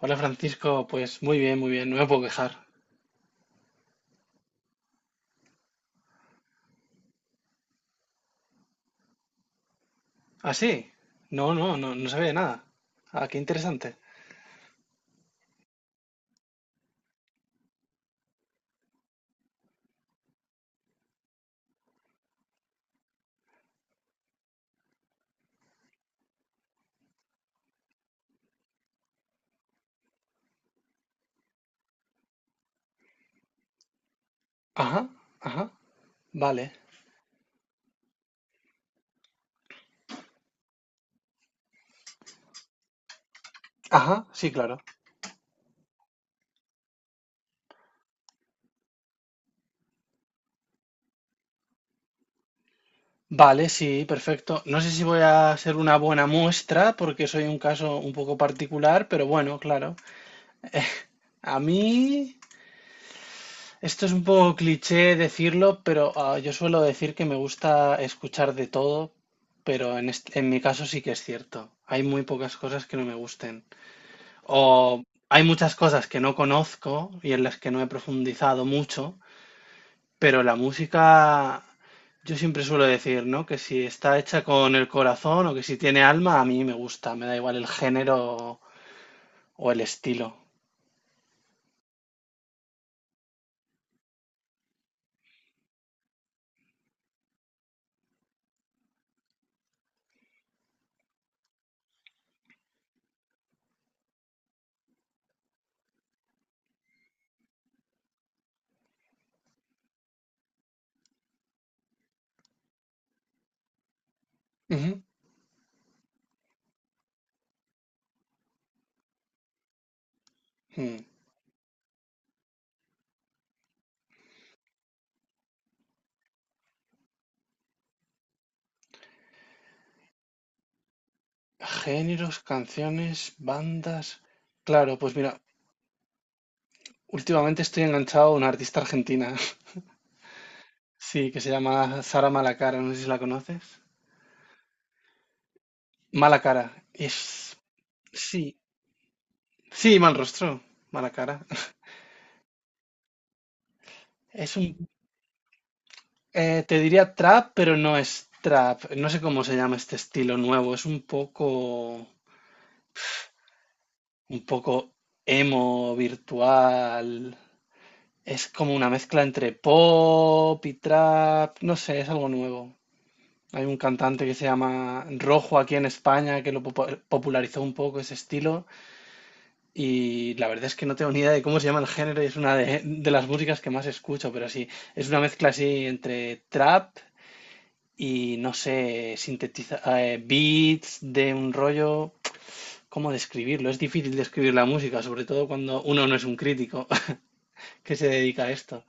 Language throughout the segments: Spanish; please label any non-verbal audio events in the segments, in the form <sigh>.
Hola Francisco, pues muy bien, no me puedo quejar. ¿Ah, sí? No, no, no, no sabía nada. Ah, qué interesante. Ajá, ajá, vale. Ajá, sí, claro. Vale, sí, perfecto. No sé si voy a ser una buena muestra porque soy un caso un poco particular, pero bueno, claro. A mí, esto es un poco cliché decirlo, pero yo suelo decir que me gusta escuchar de todo, pero en mi caso sí que es cierto. Hay muy pocas cosas que no me gusten. O hay muchas cosas que no conozco y en las que no he profundizado mucho, pero la música, yo siempre suelo decir, ¿no? Que si está hecha con el corazón o que si tiene alma, a mí me gusta, me da igual el género o el estilo. Ujú, mm. Géneros, canciones, bandas. Claro, pues mira, últimamente estoy enganchado a una artista argentina, <laughs> sí, que se llama Sara Malacara, no sé si la conoces. Mala cara, es... Sí, sí, mal rostro, mala cara. Es un, Te diría trap, pero no es trap. No sé cómo se llama este estilo nuevo. Un poco emo virtual. Es como una mezcla entre pop y trap. No sé, es algo nuevo. Hay un cantante que se llama Rojo aquí en España que lo popularizó un poco ese estilo. Y la verdad es que no tengo ni idea de cómo se llama el género y es de las músicas que más escucho, pero sí, es una mezcla así entre trap y no sé, sintetiza beats de un rollo, ¿cómo describirlo? Es difícil describir la música, sobre todo cuando uno no es un crítico <laughs> que se dedica a esto.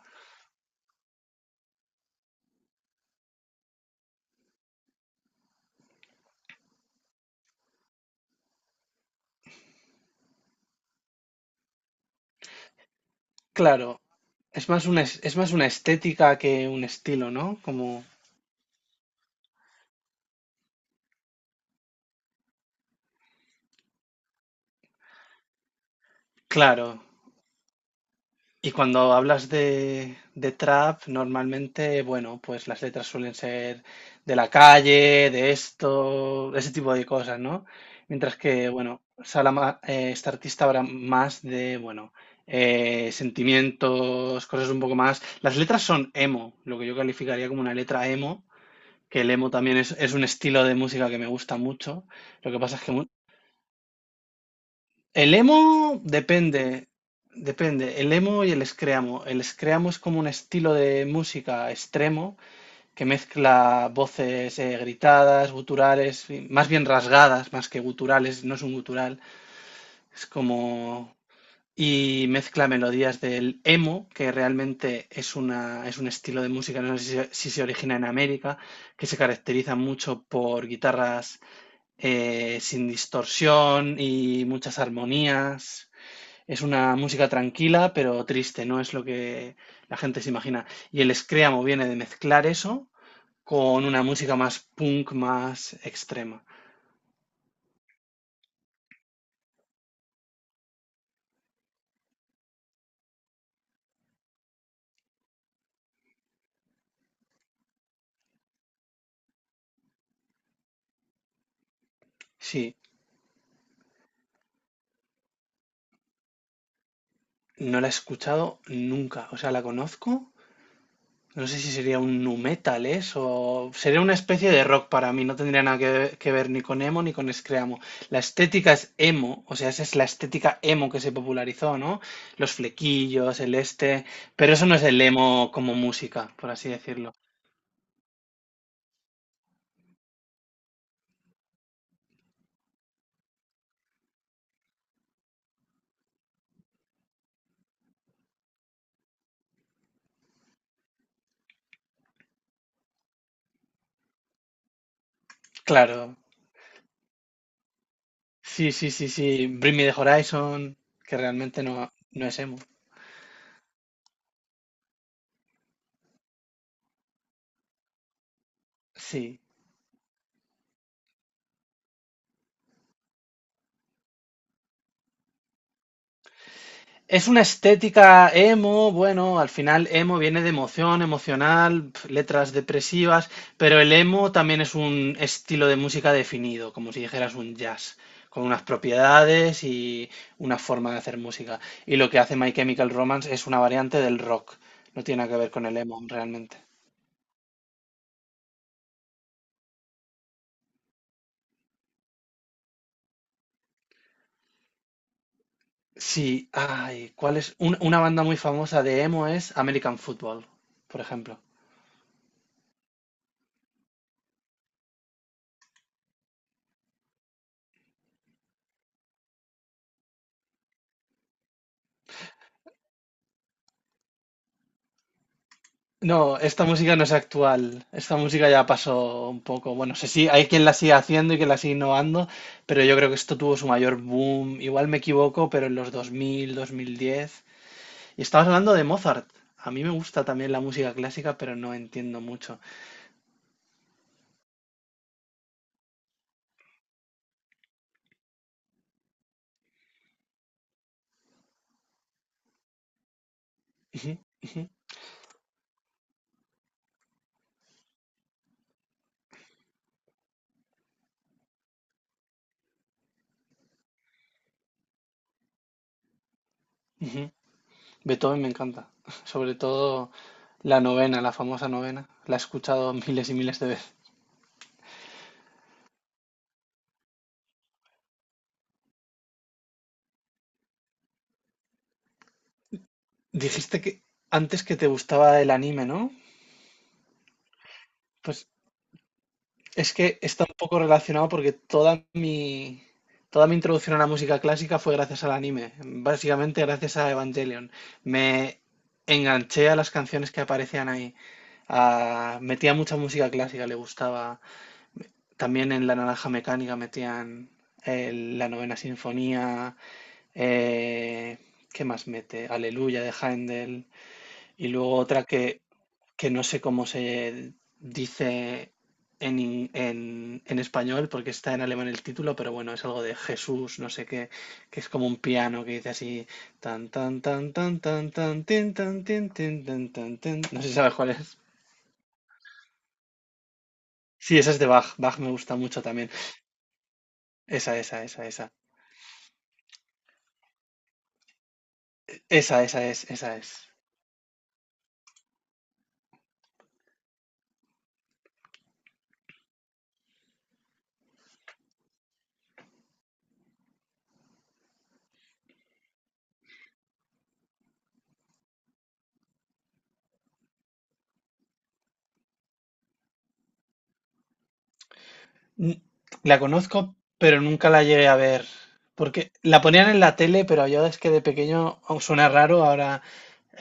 Claro, es más una estética que un estilo, ¿no? Como, claro, y cuando hablas de trap, normalmente, bueno, pues las letras suelen ser de la calle, de esto, ese tipo de cosas, ¿no? Mientras que, bueno, Salama, este artista habla más de, bueno, sentimientos, cosas un poco más. Las letras son emo, lo que yo calificaría como una letra emo, que el emo también es un estilo de música que me gusta mucho. Lo que pasa es que el emo depende, depende. El emo y el screamo. El screamo es como un estilo de música extremo que mezcla voces gritadas, guturales, y más bien rasgadas, más que guturales, no es un gutural. Es como... Y mezcla melodías del emo, que realmente es un estilo de música, no sé si se origina en América, que se caracteriza mucho por guitarras sin distorsión y muchas armonías. Es una música tranquila, pero triste, no es lo que la gente se imagina. Y el screamo viene de mezclar eso con una música más punk, más extrema. Sí, no la he escuchado nunca, o sea, la conozco. No sé si sería un nu metal eso, sería una especie de rock para mí, no tendría nada que ver ni con emo ni con screamo. La estética es emo, o sea, esa es la estética emo que se popularizó, ¿no? Los flequillos, el este, pero eso no es el emo como música, por así decirlo. Claro, sí, sí, sí, sí. Bring Me the Horizon, que realmente no, no es emo. Sí. Es una estética emo, bueno, al final emo viene de emoción, emocional, pf, letras depresivas, pero el emo también es un estilo de música definido, como si dijeras un jazz, con unas propiedades y una forma de hacer música. Y lo que hace My Chemical Romance es una variante del rock, no tiene nada que ver con el emo realmente. Sí, ay, ¿cuál es? Una banda muy famosa de emo es American Football, por ejemplo. No, esta música no es actual. Esta música ya pasó un poco. Bueno, sé si hay quien la sigue haciendo y quien la sigue innovando, pero yo creo que esto tuvo su mayor boom. Igual me equivoco, pero en los 2000, 2010. Y estabas hablando de Mozart. A mí me gusta también la música clásica, pero no entiendo mucho. Ujú, ujú, ujú. Beethoven me encanta. <laughs> Sobre todo la novena, la famosa novena. La he escuchado miles y miles de veces. Dijiste que antes que te gustaba el anime, ¿no? Pues es que está un poco relacionado porque toda mi introducción a la música clásica fue gracias al anime, básicamente gracias a Evangelion. Me enganché a las canciones que aparecían ahí. Ah, metía mucha música clásica, le gustaba. También en La Naranja Mecánica metían la Novena Sinfonía. eh, ¿Qué más mete? Aleluya de Händel. Y luego otra que no sé cómo se dice en, en español porque está en alemán el título, pero bueno, es algo de Jesús, no sé qué, que es como un piano que dice así tan tan tan tan tan tan tin, tin, tan tan tin. No sé si sabes cuál es. Sí, esa es de Bach. Bach me gusta mucho también. Esa, esa, esa, esa. Esa es, esa es. N- La conozco, pero nunca la llegué a ver. Porque la ponían en la tele, pero yo es que de pequeño aun suena raro ahora.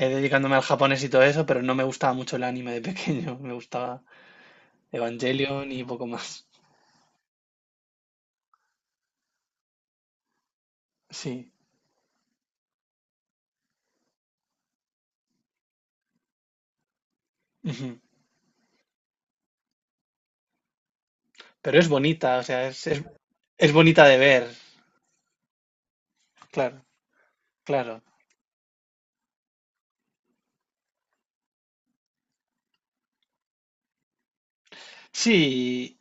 Dedicándome al japonés y todo eso, pero no me gustaba mucho el anime de pequeño. <laughs> Me gustaba Evangelion y poco más. Sí. Ujú. Pero es bonita, o sea, es bonita de ver. Claro, claro. Sí,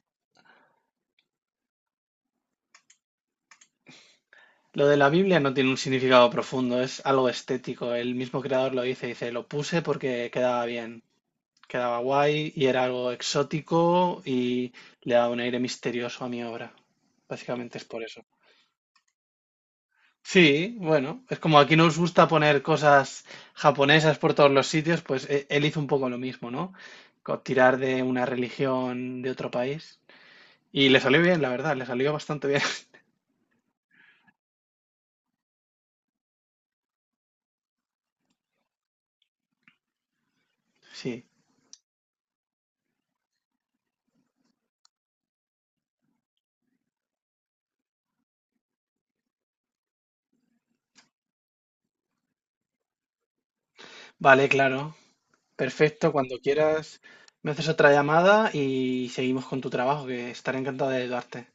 lo de la Biblia no tiene un significado profundo, es algo estético. El mismo creador lo dice, dice, lo puse porque quedaba bien, quedaba guay y era algo exótico y le daba un aire misterioso a mi obra. Básicamente es por eso. Sí, bueno, es como aquí nos gusta poner cosas japonesas por todos los sitios, pues él hizo un poco lo mismo, ¿no? Co- Tirar de una religión de otro país. Y le salió bien, la verdad, le salió bastante bien. <laughs> Sí, vale, claro. Perfecto, cuando quieras me haces otra llamada y seguimos con tu trabajo, que estaré encantado de ayudarte.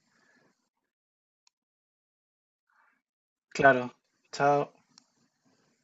Claro, chao.